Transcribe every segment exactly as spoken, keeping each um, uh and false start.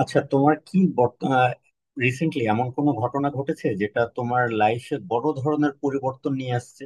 আচ্ছা, তোমার কি রিসেন্টলি এমন কোনো ঘটনা ঘটেছে যেটা তোমার লাইফে বড় ধরনের পরিবর্তন নিয়ে আসছে?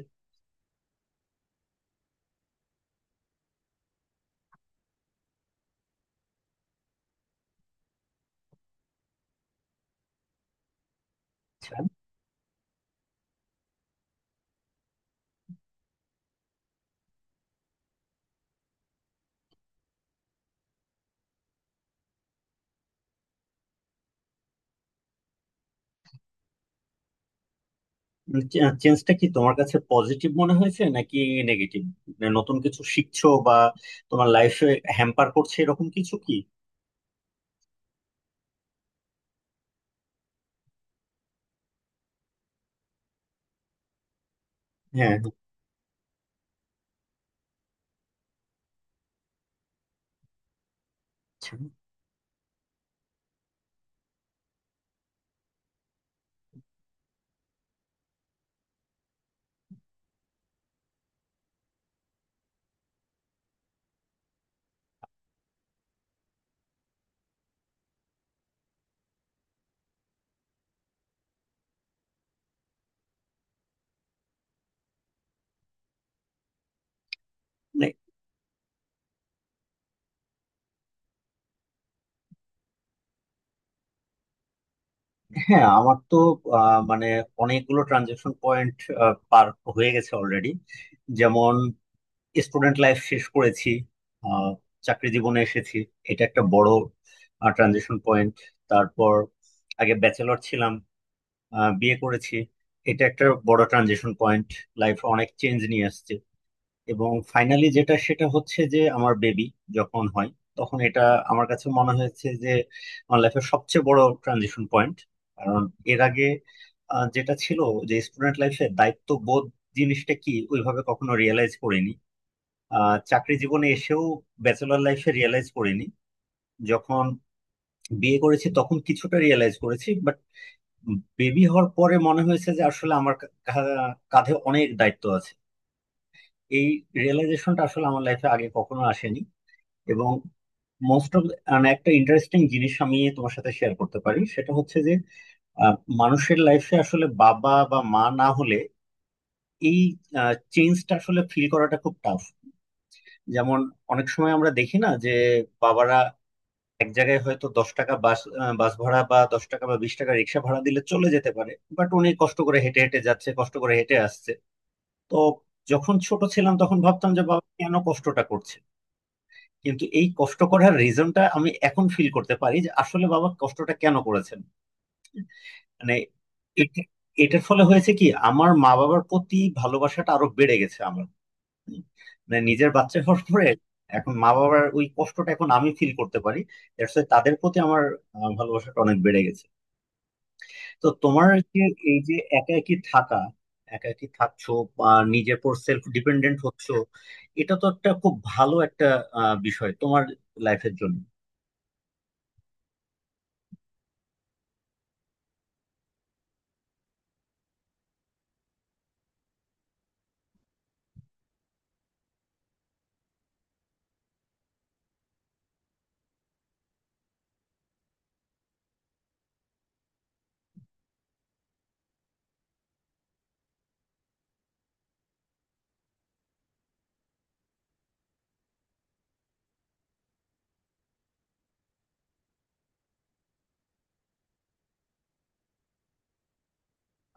আচ্ছা, চেঞ্জটা কি তোমার কাছে পজিটিভ মনে হয়েছে নাকি নেগেটিভ? নতুন কিছু শিখছো, বা তোমার লাইফে হ্যাম্পার করছে এরকম কিছু কি? হ্যাঁ। আচ্ছা। মানে হ্যাঁ, আমার তো আহ, মানে অনেকগুলো ট্রানজেকশন পয়েন্ট পার হয়ে গেছে অলরেডি। যেমন স্টুডেন্ট লাইফ শেষ করেছি, আহ, চাকরি জীবনে এসেছি, এটা একটা বড় ট্রানজিশন পয়েন্ট। তারপর আগে ব্যাচেলর ছিলাম, আহ, বিয়ে করেছি, এটা একটা বড় ট্রানজিশন পয়েন্ট, লাইফ অনেক চেঞ্জ নিয়ে আসছে। এবং ফাইনালি যেটা, সেটা হচ্ছে যে আমার বেবি যখন হয়, তখন এটা আমার কাছে মনে হয়েছে যে আমার লাইফের সবচেয়ে বড় ট্রানজিশন পয়েন্ট। কারণ এর আগে আহ, যেটা ছিল, যে স্টুডেন্ট লাইফে দায়িত্ব বোধ জিনিসটা কি ওইভাবে কখনো রিয়েলাইজ করিনি, আহ চাকরি জীবনে এসেও ব্যাচেলর লাইফে রিয়েলাইজ করিনি, যখন বিয়ে করেছি তখন কিছুটা রিয়েলাইজ করেছি, বাট বেবি হওয়ার পরে মনে হয়েছে যে আসলে আমার কা- কা- কাঁধে অনেক দায়িত্ব আছে। এই রিয়েলাইজেশনটা আসলে আমার লাইফে আগে কখনো আসেনি। এবং মোস্ট অফ, মানে একটা ইন্টারেস্টিং জিনিস আমি তোমার সাথে শেয়ার করতে পারি, সেটা হচ্ছে যে আহ, মানুষের লাইফে আসলে বাবা বা মা না হলে এই চেঞ্জটা আসলে ফিল করাটা খুব টাফ। যেমন অনেক সময় আমরা দেখি না যে বাবারা এক জায়গায় হয়তো দশ টাকা বাস আহ, বাস ভাড়া বা দশ টাকা বা বিশ টাকা রিক্সা ভাড়া দিলে চলে যেতে পারে, বাট উনি কষ্ট করে হেঁটে হেঁটে যাচ্ছে, কষ্ট করে হেঁটে আসছে। তো যখন ছোট ছিলাম তখন ভাবতাম যে বাবা কেন কষ্টটা করছে, কিন্তু এই কষ্ট করার রিজনটা আমি এখন ফিল করতে পারি যে আসলে বাবা কষ্টটা কেন করেছেন। মানে এটা- এটার ফলে হয়েছে কি, আমার মা বাবার প্রতি ভালোবাসাটা আরো বেড়ে গেছে আমার, মানে নিজের বাচ্চা হওয়ার পরে। এখন মা বাবার ওই কষ্টটা এখন আমি ফিল করতে পারি। দ্যাটস ওয়াই তাদের প্রতি আমার আহ, ভালোবাসাটা অনেক বেড়ে গেছে। তো তোমার কি এই যে একা একই থাকা, একা একই থাকছো বা নিজের পর সেলফ ডিপেন্ডেন্ট হচ্ছো, এটা তো একটা খুব ভালো একটা আহ, বিষয় তোমার লাইফের জন্য।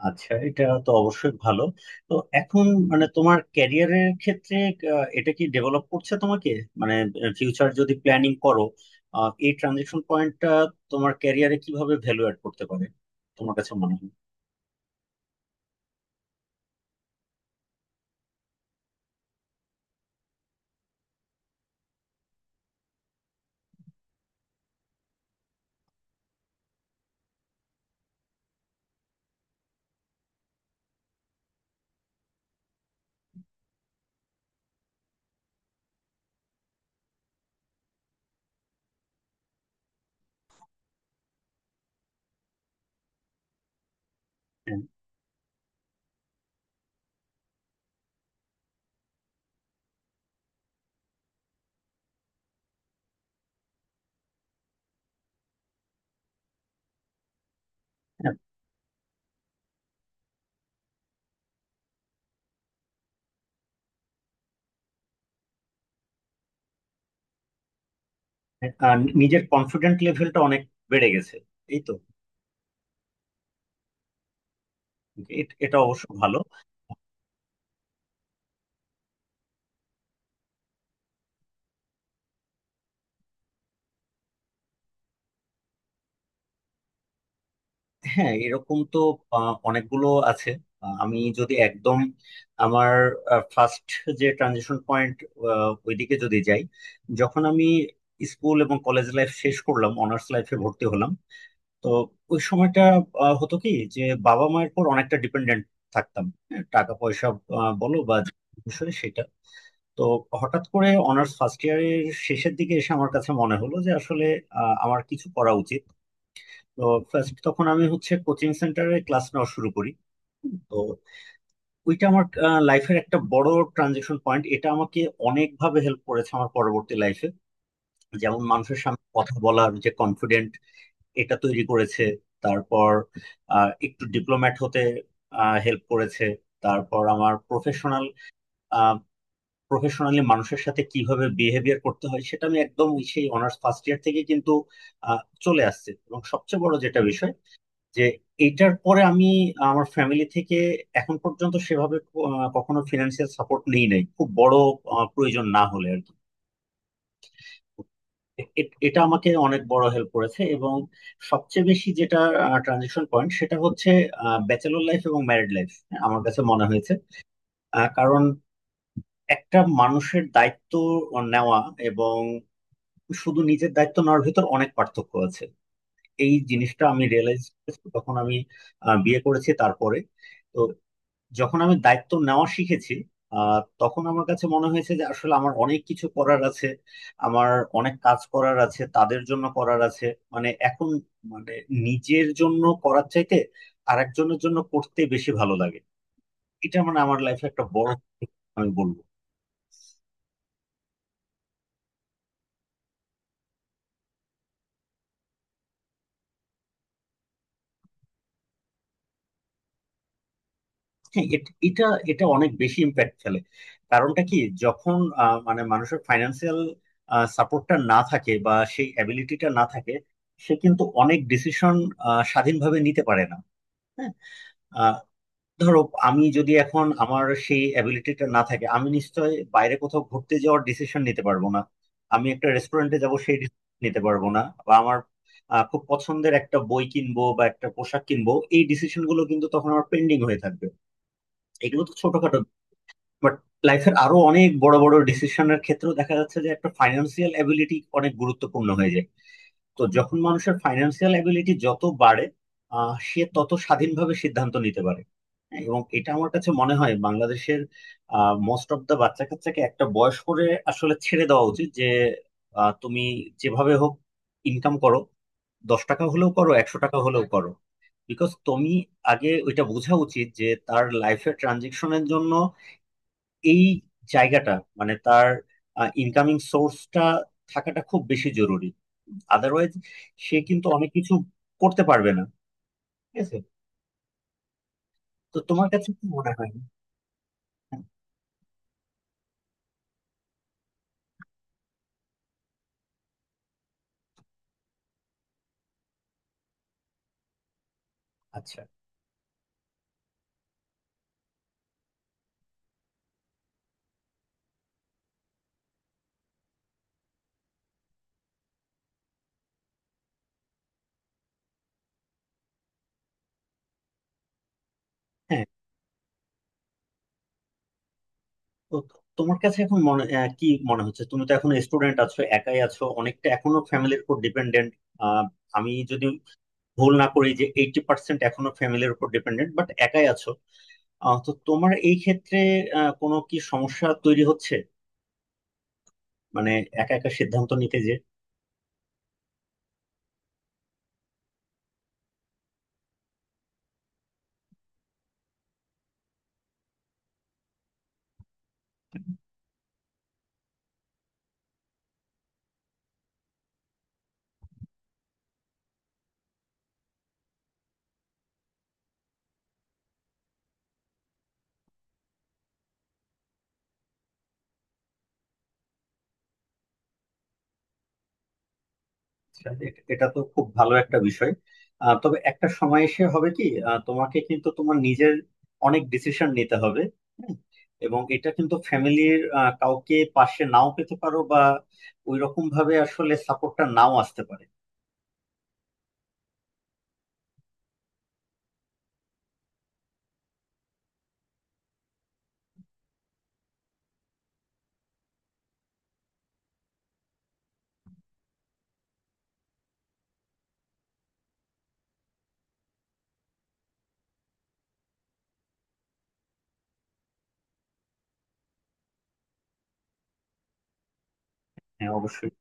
আচ্ছা, এটা তো অবশ্যই ভালো। তো এখন মানে তোমার ক্যারিয়ারের ক্ষেত্রে আহ, এটা কি ডেভেলপ করছে তোমাকে? মানে ফিউচার যদি প্ল্যানিং করো, আহ, এই ট্রানজেকশন পয়েন্টটা তোমার ক্যারিয়ারে কিভাবে ভ্যালু অ্যাড করতে পারে তোমার কাছে মনে হয়? হ্যাঁ। হ্যাঁ। হ্যাঁ, আর নিজের কনফিডেন্ট লেভেলটা অনেক বেড়ে গেছে এই তো। এ- এটা অবশ্য ভালো। হ্যাঁ, এরকম তো আহ, অনেকগুলো আছে। আহ, আমি যদি একদম আমার ফার্স্ট যে ট্রানজিশন পয়েন্ট, ওইদিকে যদি যাই, যখন আমি স্কুল এবং কলেজ লাইফ শেষ করলাম, অনার্স লাইফে ভর্তি হলাম, তো ওই সময়টা আহ, হতো কি যে বাবা মায়ের পর অনেকটা ডিপেন্ডেন্ট থাকতাম। হ্যাঁ, টাকা পয়সা আহ, বলো, বা যে বিষয় সেটা। তো হঠাৎ করে অনার্স ফার্স্ট ইয়ারের শেষের দিকে এসে আমার কাছে মনে হলো যে আসলে আহ, আমার কিছু করা উচিত। তো first তখন আমি হচ্ছে কোচিং সেন্টারে ক্লাস নেওয়া শুরু করি। তো ওইটা আমার লাইফের একটা বড় ট্রানজেকশন পয়েন্ট, এটা আমাকে অনেকভাবে হেল্প করেছে আমার পরবর্তী লাইফে। যেমন মানুষের সামনে কথা বলার যে কনফিডেন্ট, এটা তৈরি করেছে। তারপর আহ, একটু ডিপ্লোম্যাট হতে হেল্প করেছে। তারপর আমার প্রফেশনাল, প্রফেশনালি মানুষের সাথে কিভাবে বিহেভিয়ার করতে হয় সেটা আমি একদম সেই অনার্স ফার্স্ট ইয়ার থেকে কিন্তু আহ, চলে আসছে। এবং সবচেয়ে বড় যেটা বিষয় যে এটার পরে আমি আমার ফ্যামিলি থেকে এখন পর্যন্ত সেভাবে ক- আহ কখনো ফিনান্সিয়াল সাপোর্ট নিই নাই, খুব বড় আহ, প্রয়োজন না হলে আর কি। এ- এটা আমাকে অনেক বড় হেল্প করেছে। এবং সবচেয়ে বেশি যেটা ট্রানজিশন পয়েন্ট, সেটা হচ্ছে ব্যাচেলর লাইফ এবং ম্যারিড লাইফ আমার কাছে মনে হয়েছে। আহ, কারণ একটা মানুষের দায়িত্ব নেওয়া এবং শুধু নিজের দায়িত্ব নেওয়ার ভিতর অনেক পার্থক্য আছে। এই জিনিসটা আমি রিয়েলাইজ করেছি তখন, আমি আহ, বিয়ে করেছি তারপরে। তো যখন আমি দায়িত্ব নেওয়া শিখেছি, আহ, তখন আমার কাছে মনে হয়েছে যে আসলে আমার অনেক কিছু করার আছে, আমার অনেক কাজ করার আছে, তাদের জন্য করার আছে। মানে এখন, মানে নিজের জন্য করার চাইতে আরেকজনের জন্য করতে বেশি ভালো লাগে। এটা, মানে আমার লাইফে একটা বড়। আমি বলবো, হ্যাঁ এট- এটা, এটা অনেক বেশি ইম্প্যাক্ট ফেলে। কারণটা কি, যখন আহ, মানে মানুষের ফাইন্যান্সিয়াল সাপোর্টটা না থাকে বা সেই অ্যাবিলিটিটা না থাকে, সে কিন্তু অনেক ডিসিশন স্বাধীনভাবে নিতে পারে না। হ্যাঁ। আহ, ধরো আমি যদি এখন, আমার সেই অ্যাবিলিটিটা না থাকে, আমি নিশ্চয় বাইরে কোথাও ঘুরতে যাওয়ার ডিসিশন নিতে পারবো না, আমি একটা রেস্টুরেন্টে যাব সেই ডিসিশন নিতে পারবো না, বা আমার আহ, খুব পছন্দের একটা বই কিনবো বা একটা পোশাক কিনবো, এই ডিসিশন গুলো কিন্তু তখন আমার পেন্ডিং হয়ে থাকবে। এগুলো তো ছোটখাটো, বাট লাইফের আরো অনেক বড় বড় ডিসিশনের ক্ষেত্রেও দেখা যাচ্ছে যে একটা ফাইন্যান্সিয়াল অ্যাবিলিটি অনেক গুরুত্বপূর্ণ হয়ে যায়। তো যখন মানুষের ফাইন্যান্সিয়াল অ্যাবিলিটি যত বাড়ে, আহ, সে তত স্বাধীনভাবে সিদ্ধান্ত নিতে পারে। হ্যাঁ, এবং এটা আমার কাছে মনে হয় বাংলাদেশের মোস্ট অফ দা বাচ্চা কাচ্চাকে একটা বয়স করে আসলে ছেড়ে দেওয়া উচিত যে আহ, তুমি যেভাবে হোক ইনকাম করো, দশ টাকা হলেও করো, একশো টাকা হলেও করো। বিকজ তুমি আগে ওইটা বোঝা উচিত যে তার লাইফের ট্রানজেকশনের জন্য এই জায়গাটা, মানে তার ইনকামিং সোর্সটা থাকাটা খুব বেশি জরুরি। আদারওয়াইজ সে কিন্তু অনেক কিছু করতে পারবে না। ঠিক আছে, তো তোমার কাছে কি মনে হয়? হ্যাঁ। আচ্ছা। হ্যাঁ। তো তোমার কাছে এখন মনে, আহ, কি মনে হচ্ছে, তুমি তো এখন স্টুডেন্ট আছো, একাই আছো, অনেকটা এখনো ফ্যামিলির উপর ডিপেন্ডেন্ট। আমি যদি ভুল না করি, যে এইটি পার্সেন্ট এখনো ফ্যামিলির উপর ডিপেন্ডেন্ট, বাট একাই আছো। আহ, তো তোমার এই ক্ষেত্রে আহ, কোনো কি সমস্যা তৈরি হচ্ছে, মানে একা একা সিদ্ধান্ত নিতে? যে আচ্ছা, এ- এটা তো খুব ভালো একটা বিষয়। আহ, তবে একটা সময় এসে হবে কি, আহ, তোমাকে কিন্তু তোমার নিজের অনেক ডিসিশন নিতে হবে। হুম, এবং এটা কিন্তু ফ্যামিলির কাউকে পাশে নাও পেতে পারো, বা ওই রকম ভাবে আসলে সাপোর্টটা নাও আসতে পারে। হ্যাঁ, অবশ্যই।